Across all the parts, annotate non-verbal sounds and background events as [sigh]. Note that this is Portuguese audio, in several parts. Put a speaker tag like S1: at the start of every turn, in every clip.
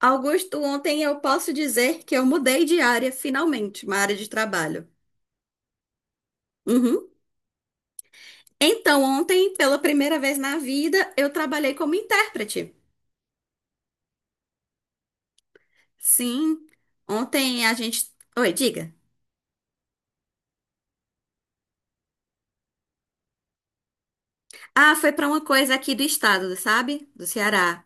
S1: Augusto, ontem eu posso dizer que eu mudei de área, finalmente, uma área de trabalho. Uhum. Então, ontem, pela primeira vez na vida, eu trabalhei como intérprete. Sim, ontem a gente. Oi, diga. Ah, foi para uma coisa aqui do estado, sabe? Do Ceará.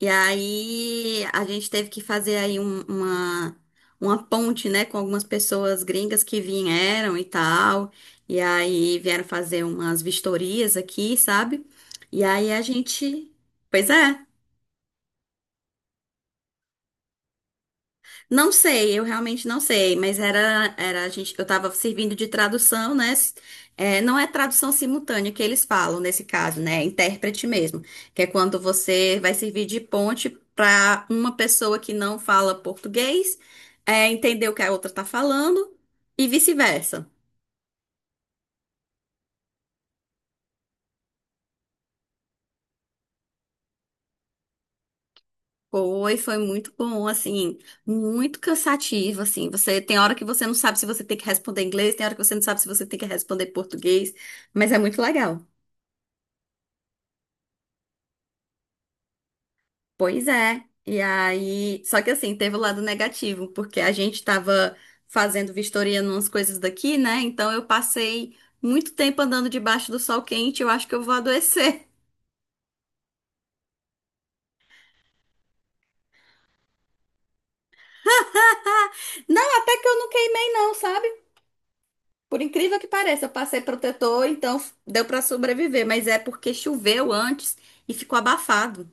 S1: E aí a gente teve que fazer aí um- uma ponte, né, com algumas pessoas gringas que vieram e tal. E aí vieram fazer umas vistorias aqui, sabe? E aí a gente. Pois é. Não sei, eu realmente não sei, mas era a gente, eu estava servindo de tradução, né? S- é, não é tradução simultânea que eles falam nesse caso, né? É intérprete mesmo, que é quando você vai servir de ponte para uma pessoa que não fala português, é, entender o que a outra está falando e vice-versa. Foi muito bom, assim, muito cansativo, assim. Você tem hora que você não sabe se você tem que responder inglês, tem hora que você não sabe se você tem que responder português, mas é muito legal. Pois é. E aí, só que assim, teve o lado negativo, porque a gente tava fazendo vistoria numas coisas daqui, né? Então eu passei muito tempo andando debaixo do sol quente, eu acho que eu vou adoecer. [laughs] Não, até que eu não queimei não, sabe? Por incrível que pareça, eu passei protetor, então deu pra sobreviver, mas é porque choveu antes e ficou abafado.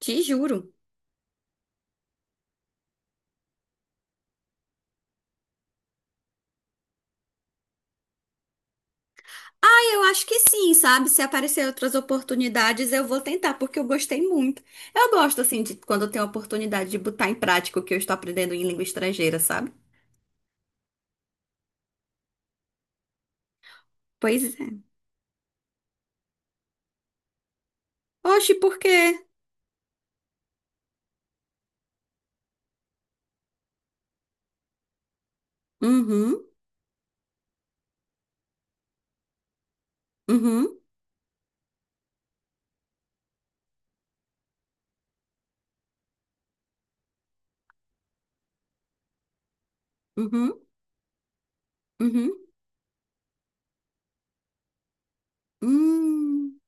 S1: Te juro. Eu acho que sim, sabe? Se aparecer outras oportunidades, eu vou tentar, porque eu gostei muito. Eu gosto, assim, de quando eu tenho a oportunidade de botar em prática o que eu estou aprendendo em língua estrangeira, sabe? Pois é. Oxe, por quê? Uhum, uhum, uhum, uhum, hum.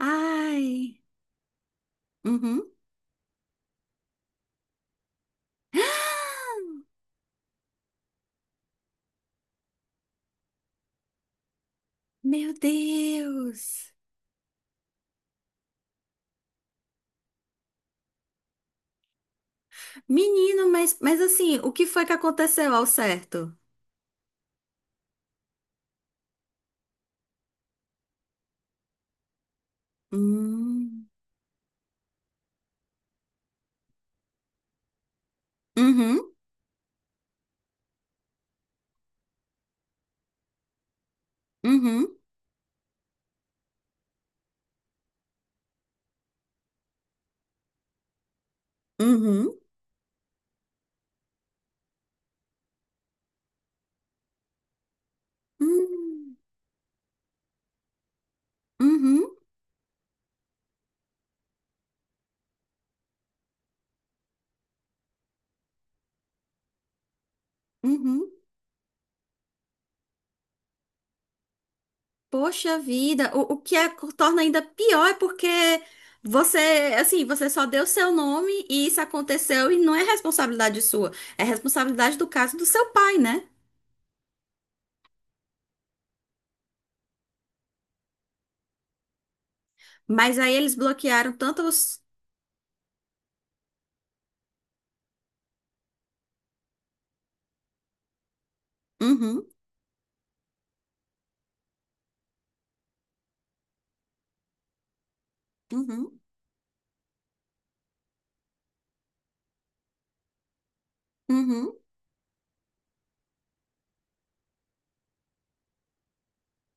S1: Ai, uhum. [gasps] Meu Deus! Menino, mas assim, o que foi que aconteceu ao certo? Hum. Uhum, uhum, uhum, uhum, uhum, uhum. Poxa vida, o que é, torna ainda pior é porque você, assim, você só deu seu nome e isso aconteceu e não é responsabilidade sua, é responsabilidade do caso do seu pai, né? Mas aí eles bloquearam tanto os... Uhum, uhum, uhum.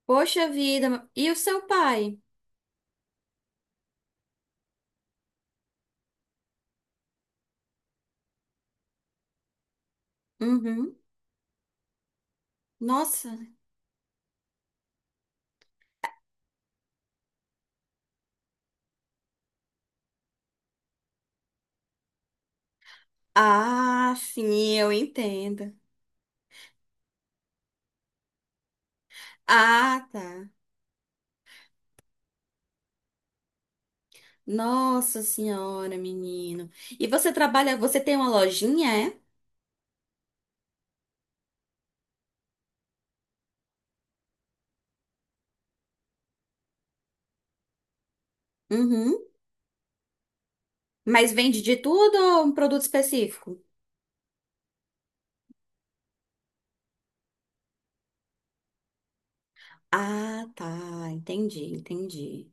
S1: Poxa vida, e o seu pai? Uhum. Nossa. Ah, sim, eu entendo. Ah, tá. Nossa senhora, menino. E você trabalha, você tem uma lojinha, é? Uhum. Mas vende de tudo ou um produto específico? Ah, tá. Entendi, entendi.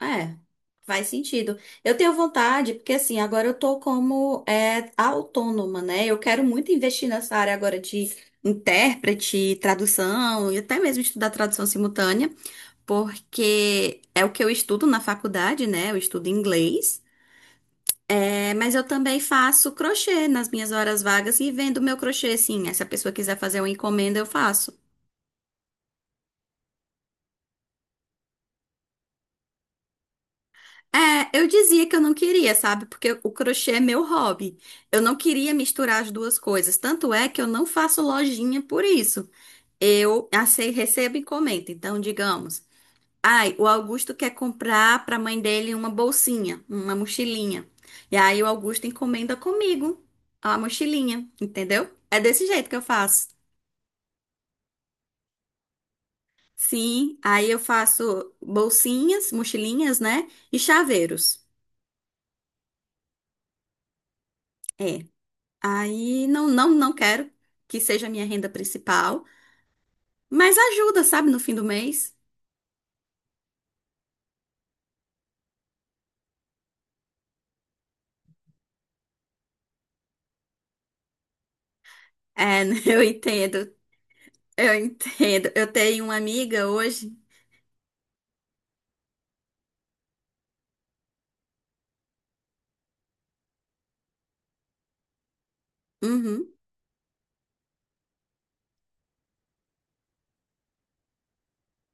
S1: É, faz sentido. Eu tenho vontade, porque assim, agora eu tô como é, autônoma, né? Eu quero muito investir nessa área agora de intérprete, tradução, e até mesmo estudar tradução simultânea, porque é o que eu estudo na faculdade, né? Eu estudo inglês. É, mas eu também faço crochê nas minhas horas vagas e vendo meu crochê, sim. Se a pessoa quiser fazer uma encomenda, eu faço. É, eu dizia que eu não queria, sabe? Porque o crochê é meu hobby. Eu não queria misturar as duas coisas. Tanto é que eu não faço lojinha por isso. Eu ace- recebo encomenda. Então, digamos, ai, o Augusto quer comprar para a mãe dele uma bolsinha, uma mochilinha. E aí o Augusto encomenda comigo a mochilinha, entendeu? É desse jeito que eu faço. Sim, aí eu faço bolsinhas, mochilinhas, né? E chaveiros. É. Aí não quero que seja a minha renda principal, mas ajuda, sabe, no fim do mês. É, [laughs] eu entendo, eu entendo. Eu tenho uma amiga hoje. Uhum,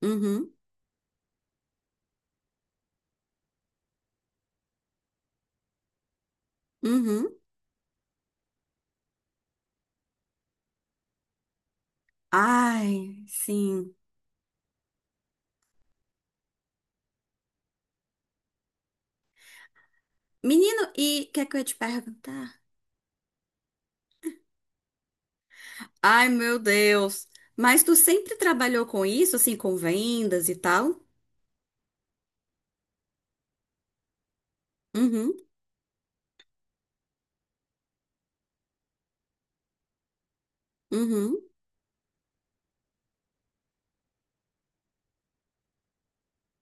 S1: uhum, uhum. Ai, sim. Menino, e o que é que eu ia te perguntar? Ai, meu Deus. Mas tu sempre trabalhou com isso, assim, com vendas e tal? Uhum, uhum,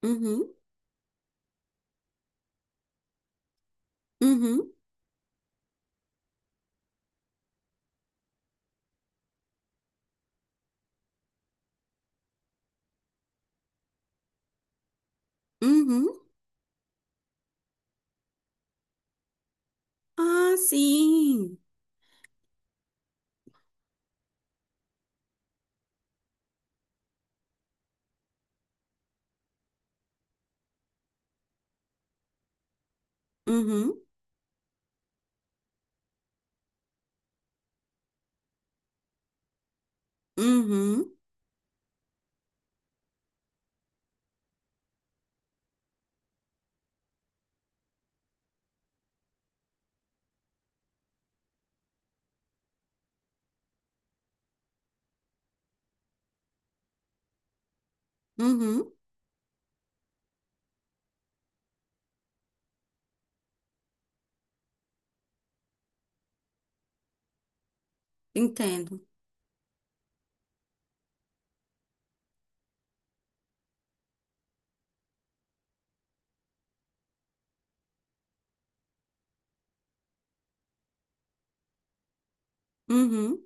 S1: uhum, uhum, uhum. Ah, sim. Uhum, uhum, uhum. Entendo. Uhum.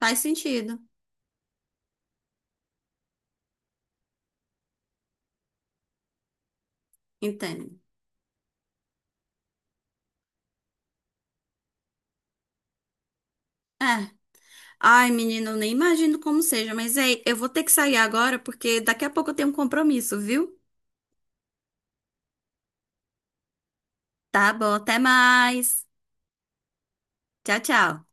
S1: Faz sentido. Entendo. É. Ai, menina, eu nem imagino como seja, mas ei, eu vou ter que sair agora porque daqui a pouco eu tenho um compromisso, viu? Tá bom, até mais. Tchau, tchau.